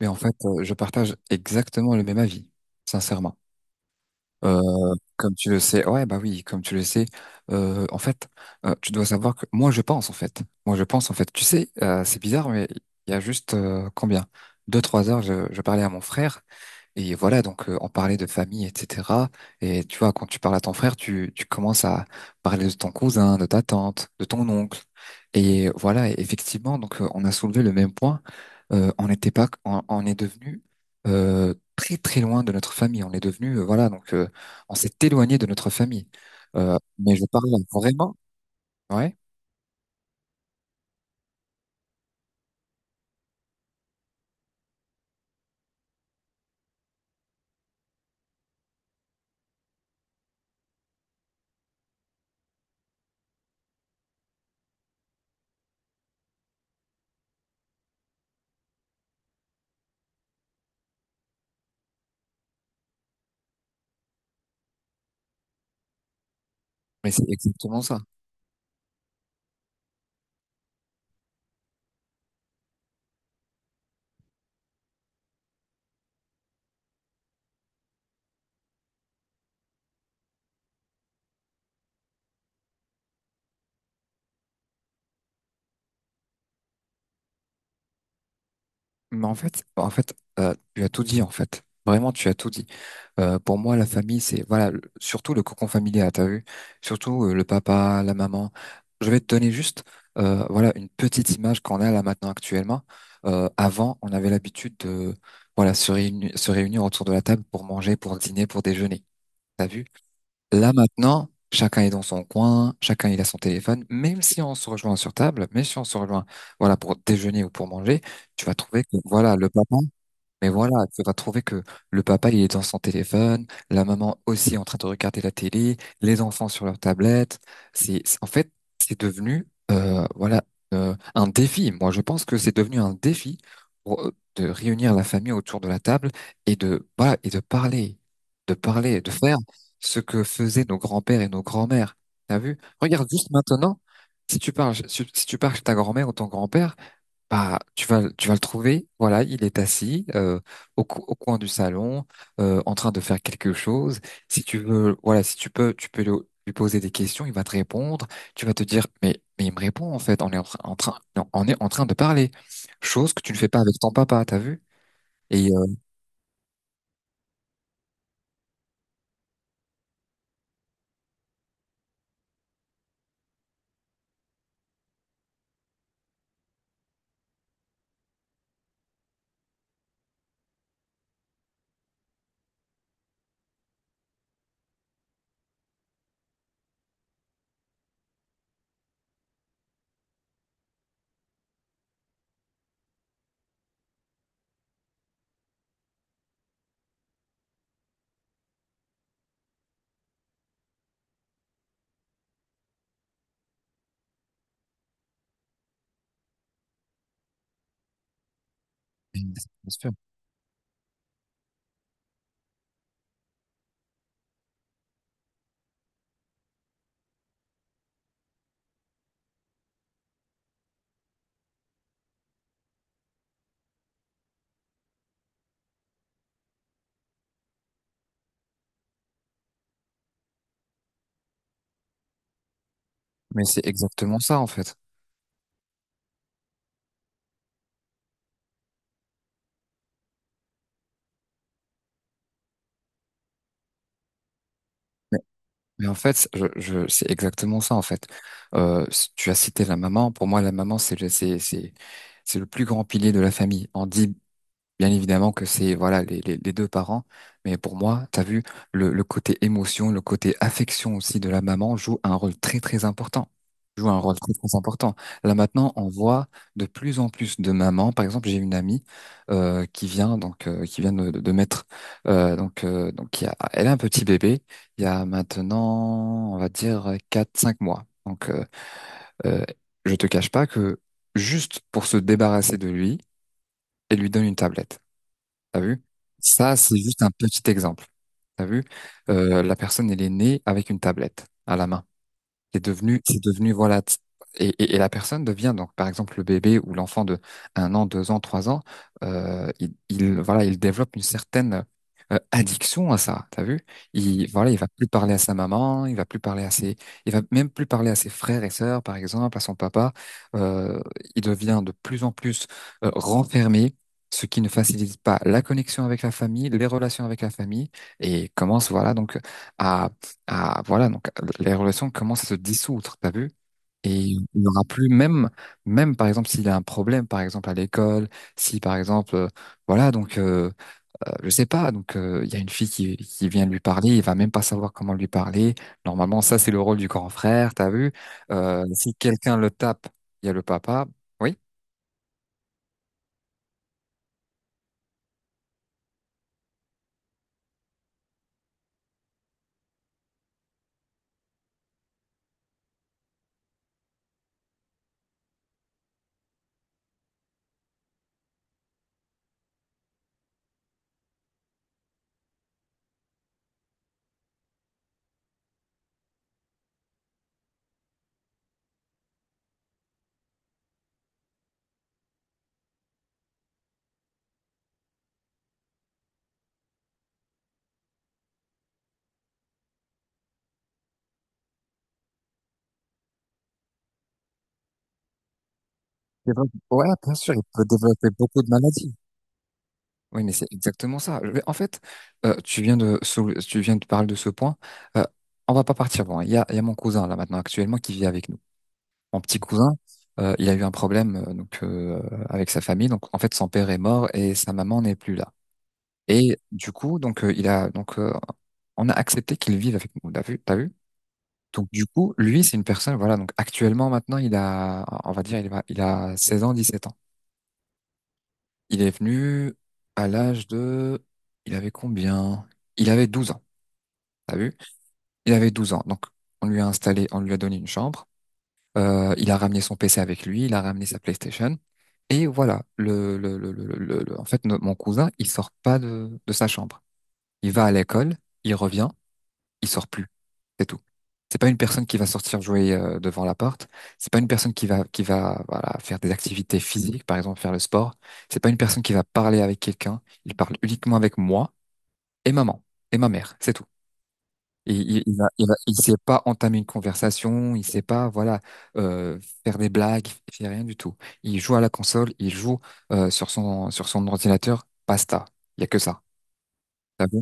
Mais en fait, je partage exactement le même avis, sincèrement. Euh, Comme tu le sais, ouais, bah oui, comme tu le sais, euh, en fait, tu dois savoir que moi, je pense, en fait. Tu sais, c'est bizarre, mais il y a juste combien? Deux, trois heures, je parlais à mon frère et voilà, donc on parlait de famille, etc. Et tu vois, quand tu parles à ton frère, tu commences à parler de ton cousin, de ta tante, de ton oncle. Et voilà, et effectivement, donc on a soulevé le même point. On n'était pas, on est devenu très très loin de notre famille. On est devenu, voilà, donc on s'est éloigné de notre famille. Mais je parle vraiment, ouais, mais c'est exactement ça. Mais en fait, tu as tout dit, en fait. Vraiment, tu as tout dit. Pour moi, la famille, c'est, voilà, surtout le cocon familial, t'as vu? Surtout le papa, la maman. Je vais te donner juste, voilà, une petite image qu'on a là maintenant actuellement. Avant, on avait l'habitude de, voilà, se réunir autour de la table pour manger, pour dîner, pour déjeuner. T'as vu? Là maintenant, chacun est dans son coin, chacun il a son téléphone, même si on se rejoint sur table, même si on se rejoint, voilà, pour déjeuner ou pour manger, tu vas trouver que, voilà, le papa, mais voilà, tu vas trouver que le papa, il est dans son téléphone, la maman aussi en train de regarder la télé, les enfants sur leur tablette. C'est, c'est- en fait, c'est devenu, un défi. Moi, je pense que c'est devenu un défi pour, de réunir la famille autour de la table et de, voilà, et de parler, de parler, de faire ce que faisaient nos grands-pères et nos grands-mères. T'as vu? Regarde juste maintenant, si tu parles chez ta grand-mère ou ton grand-père, bah, tu vas le trouver. Voilà, il est assis au, au coin du salon, en train de faire quelque chose. Si tu veux, voilà, si tu peux, lui poser des questions. Il va te répondre. Tu vas te dire, mais il me répond en fait. On est en train de parler. Chose que tu ne fais pas avec ton papa, t'as vu? Et bien sûr. Mais c'est exactement ça en fait. Mais, c'est exactement ça en fait. Tu as cité la maman. Pour moi, la maman, c'est le plus grand pilier de la famille. On dit bien évidemment que c'est voilà les deux parents, mais pour moi, t'as vu, le côté émotion, le côté affection aussi de la maman joue un rôle très très important. Joue un rôle très très important. Là maintenant, on voit de plus en plus de mamans. Par exemple, j'ai une amie qui vient de mettre donc il y a, elle a un petit bébé. Il y a maintenant, on va dire quatre cinq mois. Donc euh, je te cache pas que juste pour se débarrasser de lui, elle lui donne une tablette. T'as vu? Ça, c'est juste un petit exemple. T'as vu? La personne, elle est née avec une tablette à la main. C'est devenu, voilà. Et, et la personne devient donc, par exemple, le bébé ou l'enfant de un an, deux ans, trois ans, voilà, il développe une certaine addiction à ça. T'as vu? Il, voilà, il va plus parler à sa maman, il va plus parler à ses, il va même plus parler à ses frères et sœurs, par exemple, à son papa. Euh, il devient de plus en plus renfermé, ce qui ne facilite pas la connexion avec la famille, les relations avec la famille, et commence, voilà, donc à, voilà, donc les relations commencent à se dissoudre, t'as vu? Et il n'y aura plus, même par exemple, s'il y a un problème, par exemple, à l'école, si par exemple, voilà, donc, je sais pas, donc, il y a une fille qui vient lui parler, il va même pas savoir comment lui parler. Normalement, ça, c'est le rôle du grand frère, t'as vu? Si quelqu'un le tape, il y a le papa. Oui? C'est vrai. Ouais, bien sûr, il peut développer beaucoup de maladies. Oui, mais c'est exactement ça. Je vais- En fait, tu viens de parler de ce point. Euh, on va pas partir loin. Il y a mon cousin là maintenant actuellement qui vit avec nous. Mon petit cousin, il a eu un problème avec sa famille. Donc en fait, son père est mort et sa maman n'est plus là. Et du coup, donc il a donc on a accepté qu'il vive avec nous. T'as vu? T'as vu? Donc du coup, lui, c'est une personne. Voilà. Donc actuellement, maintenant, il a, on va dire, il va, il a 16 ans, 17 ans. Il est venu à l'âge de... Il avait combien? Il avait 12 ans, t'as vu? Il avait 12 ans, donc on lui a installé, on lui a donné une chambre. Il a ramené son PC avec lui, il a ramené sa PlayStation. Et voilà, le- en fait, no- mon cousin, il sort pas de sa chambre. Il va à l'école, il revient, il sort plus. C'est tout. C'est pas une personne qui va sortir jouer devant la porte. C'est pas une personne qui va voilà faire des activités physiques, par exemple faire le sport. C'est pas une personne qui va parler avec quelqu'un. Il parle uniquement avec moi et maman et ma mère. C'est tout. Et il va- il sait pas entamer une conversation. Il sait pas voilà faire des blagues. Il fait rien du tout. Il joue à la console. Il joue sur son ordinateur. Basta. Il y a que ça. T'as vu?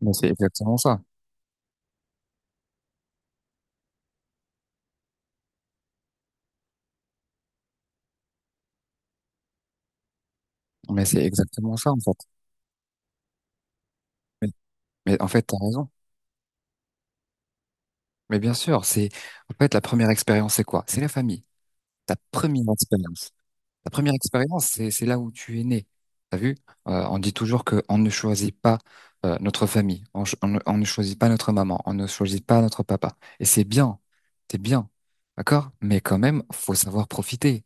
Mais c'est exactement ça. Mais c'est exactement ça en fait. Mais, mais en fait, t'as raison. Mais bien sûr, c'est en fait la première expérience, c'est quoi? C'est la famille. Ta première expérience. Ta première expérience, c'est là où tu es né. T'as vu? On dit toujours que on ne choisit pas notre famille, on ne choisit pas notre maman, on ne choisit pas notre papa. Et c'est bien, d'accord? Mais quand même, faut savoir profiter.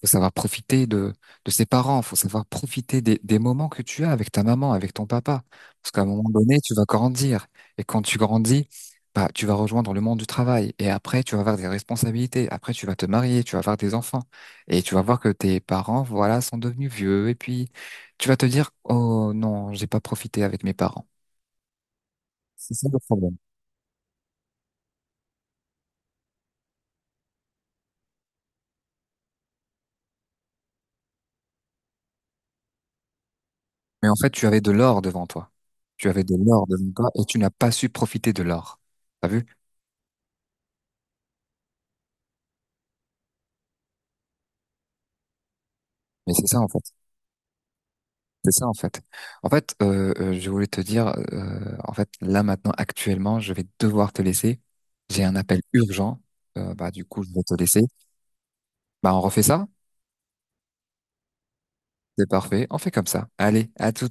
Faut savoir profiter de ses parents, faut savoir profiter des moments que tu as avec ta maman, avec ton papa. Parce qu'à un moment donné, tu vas grandir. Et quand tu grandis, bah, tu vas rejoindre le monde du travail. Et après, tu vas avoir des responsabilités. Après, tu vas te marier, tu vas avoir des enfants. Et tu vas voir que tes parents, voilà, sont devenus vieux. Et puis, tu vas te dire, oh non, j'ai pas profité avec mes parents. C'est ça le problème. Mais en fait, tu avais de l'or devant toi. Tu avais de l'or devant toi et tu n'as pas su profiter de l'or. T'as vu? Mais c'est ça, en fait. C'est ça, en fait. En fait, je voulais te dire, là, maintenant, actuellement, je vais devoir te laisser. J'ai un appel urgent. Bah, du coup, je vais te laisser. Bah, on refait ça? C'est parfait. On fait comme ça. Allez, à tout.